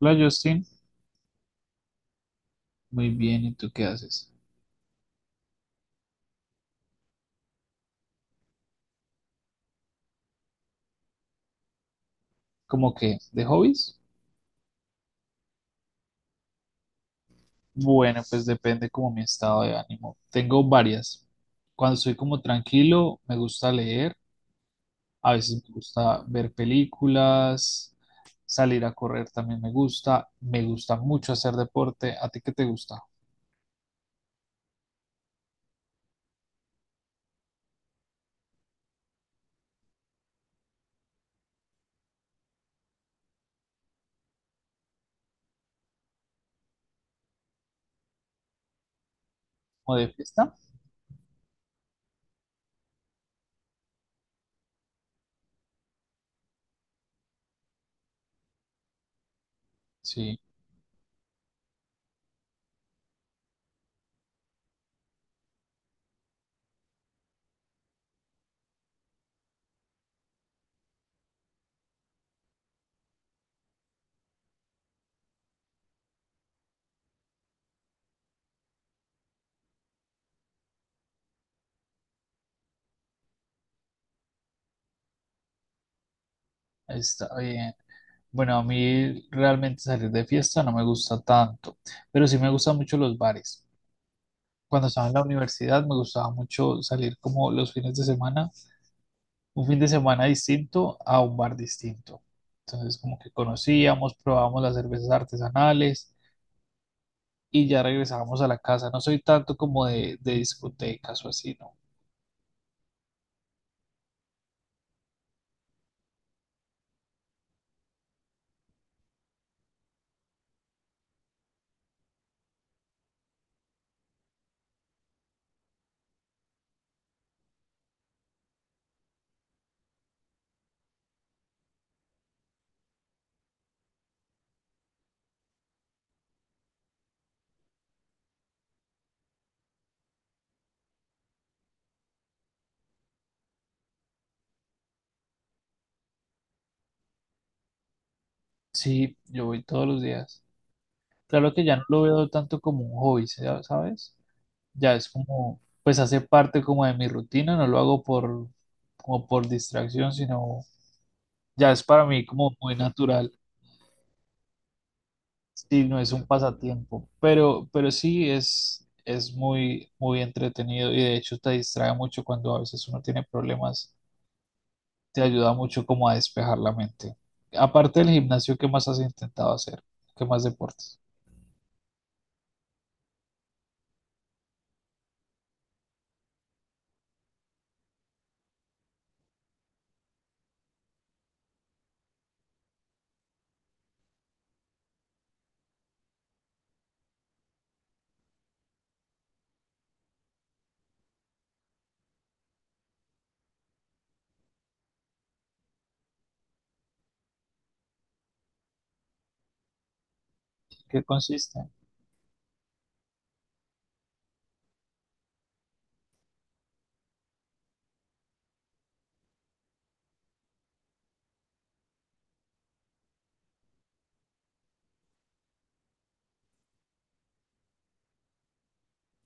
Hola Justin, muy bien, ¿y tú qué haces? ¿Cómo que de hobbies? Bueno, pues depende como mi estado de ánimo. Tengo varias. Cuando estoy como tranquilo, me gusta leer, a veces me gusta ver películas, salir a correr también me gusta mucho hacer deporte. ¿A ti qué te gusta? ¿O de fiesta? Sí, está bien. Bueno, a mí realmente salir de fiesta no me gusta tanto, pero sí me gustan mucho los bares. Cuando estaba en la universidad me gustaba mucho salir como los fines de semana, un fin de semana distinto a un bar distinto. Entonces como que conocíamos, probábamos las cervezas artesanales y ya regresábamos a la casa. No soy tanto como de discotecas o así, ¿no? Sí, yo voy todos los días. Claro que ya no lo veo tanto como un hobby, ¿sabes? Ya es como, pues hace parte como de mi rutina, no lo hago por, como por distracción, sino ya es para mí como muy natural. Sí, no es un pasatiempo, pero sí es muy, muy entretenido y de hecho te distrae mucho cuando a veces uno tiene problemas, te ayuda mucho como a despejar la mente. Aparte del gimnasio, ¿qué más has intentado hacer? ¿Qué más deportes? ¿Qué consiste?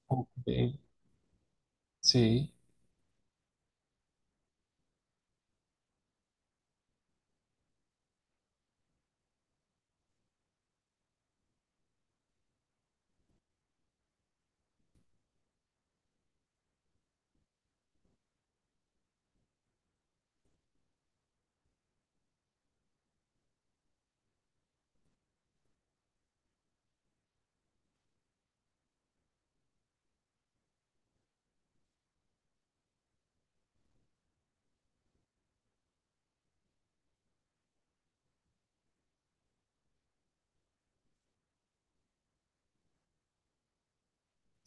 Ok, sí,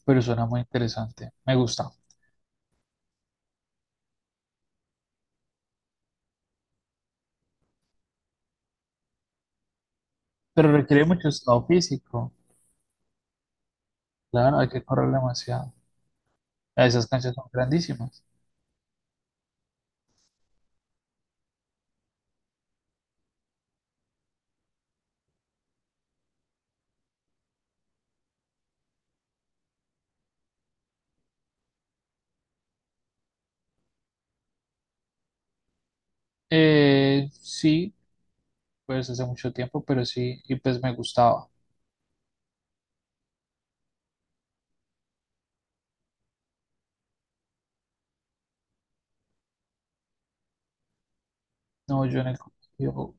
pero suena muy interesante, me gusta. Pero requiere mucho estado físico, claro, hay que correr demasiado. Ah, esas canchas son grandísimas. Sí, pues hace mucho tiempo, pero sí, y pues me gustaba. No, yo en el colegio,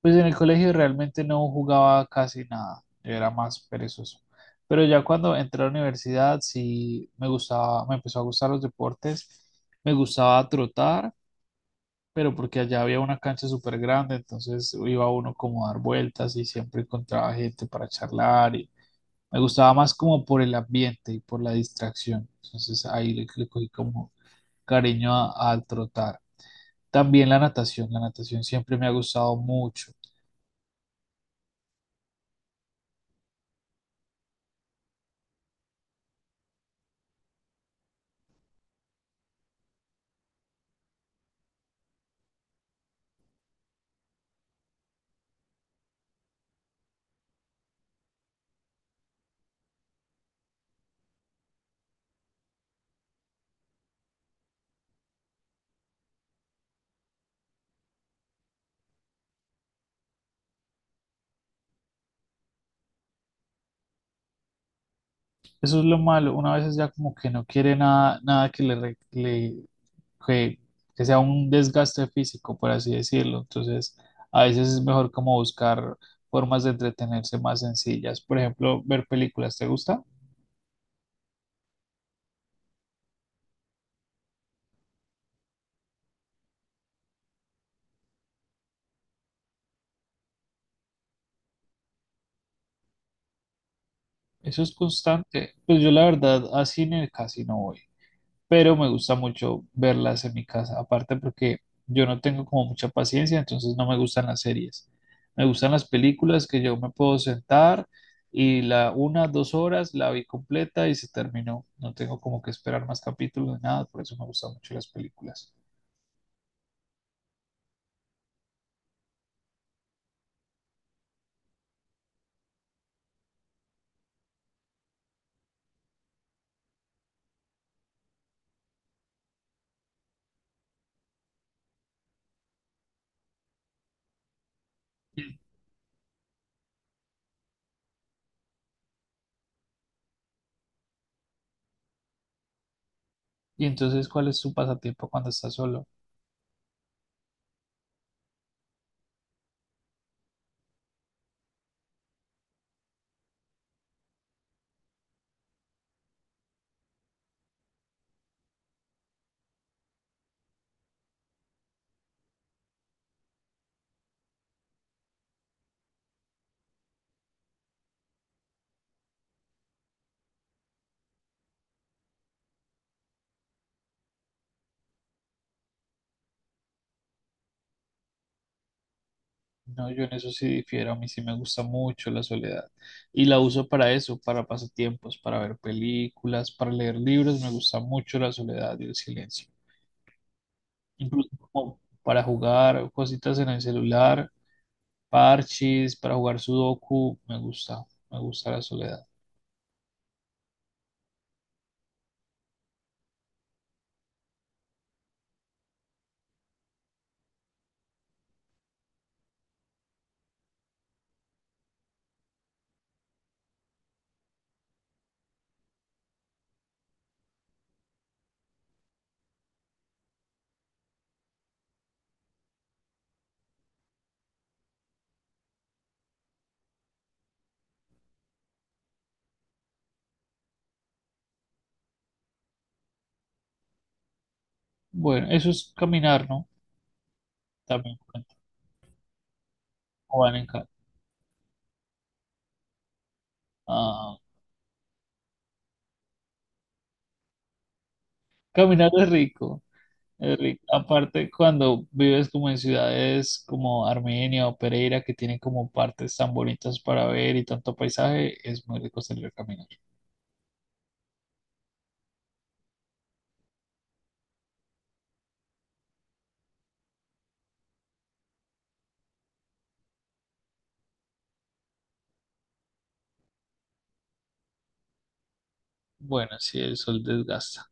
pues en el colegio realmente no jugaba casi nada, yo era más perezoso. Pero ya cuando entré a la universidad sí me gustaba, me empezó a gustar los deportes, me gustaba trotar, pero porque allá había una cancha súper grande, entonces iba uno como a dar vueltas y siempre encontraba gente para charlar y me gustaba más como por el ambiente y por la distracción. Entonces ahí le, le cogí como cariño al trotar. También la natación siempre me ha gustado mucho. Eso es lo malo, una vez ya como que no quiere nada, nada que le, que, que sea un desgaste físico, por así decirlo. Entonces, a veces es mejor como buscar formas de entretenerse más sencillas. Por ejemplo, ver películas, ¿te gusta? Eso es constante. Pues yo la verdad a cine casi no voy, pero me gusta mucho verlas en mi casa, aparte porque yo no tengo como mucha paciencia, entonces no me gustan las series. Me gustan las películas que yo me puedo sentar y la una, dos horas la vi completa y se terminó. No tengo como que esperar más capítulos ni nada, por eso me gustan mucho las películas. Y y entonces, ¿cuál es tu pasatiempo cuando estás solo? No, yo en eso sí difiero, a mí sí me gusta mucho la soledad y la uso para eso, para pasatiempos, para ver películas, para leer libros, me gusta mucho la soledad y el silencio, incluso como para jugar cositas en el celular, parches, para jugar sudoku, me gusta la soledad. Bueno, eso es caminar, ¿no? También cuenta, o van en ca- Ah, caminar es rico. Es rico. Aparte, cuando vives como en ciudades como Armenia o Pereira, que tienen como partes tan bonitas para ver y tanto paisaje, es muy rico salir a caminar. Bueno, sí, el sol desgasta.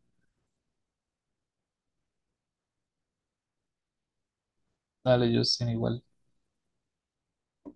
Dale, Justin, igual.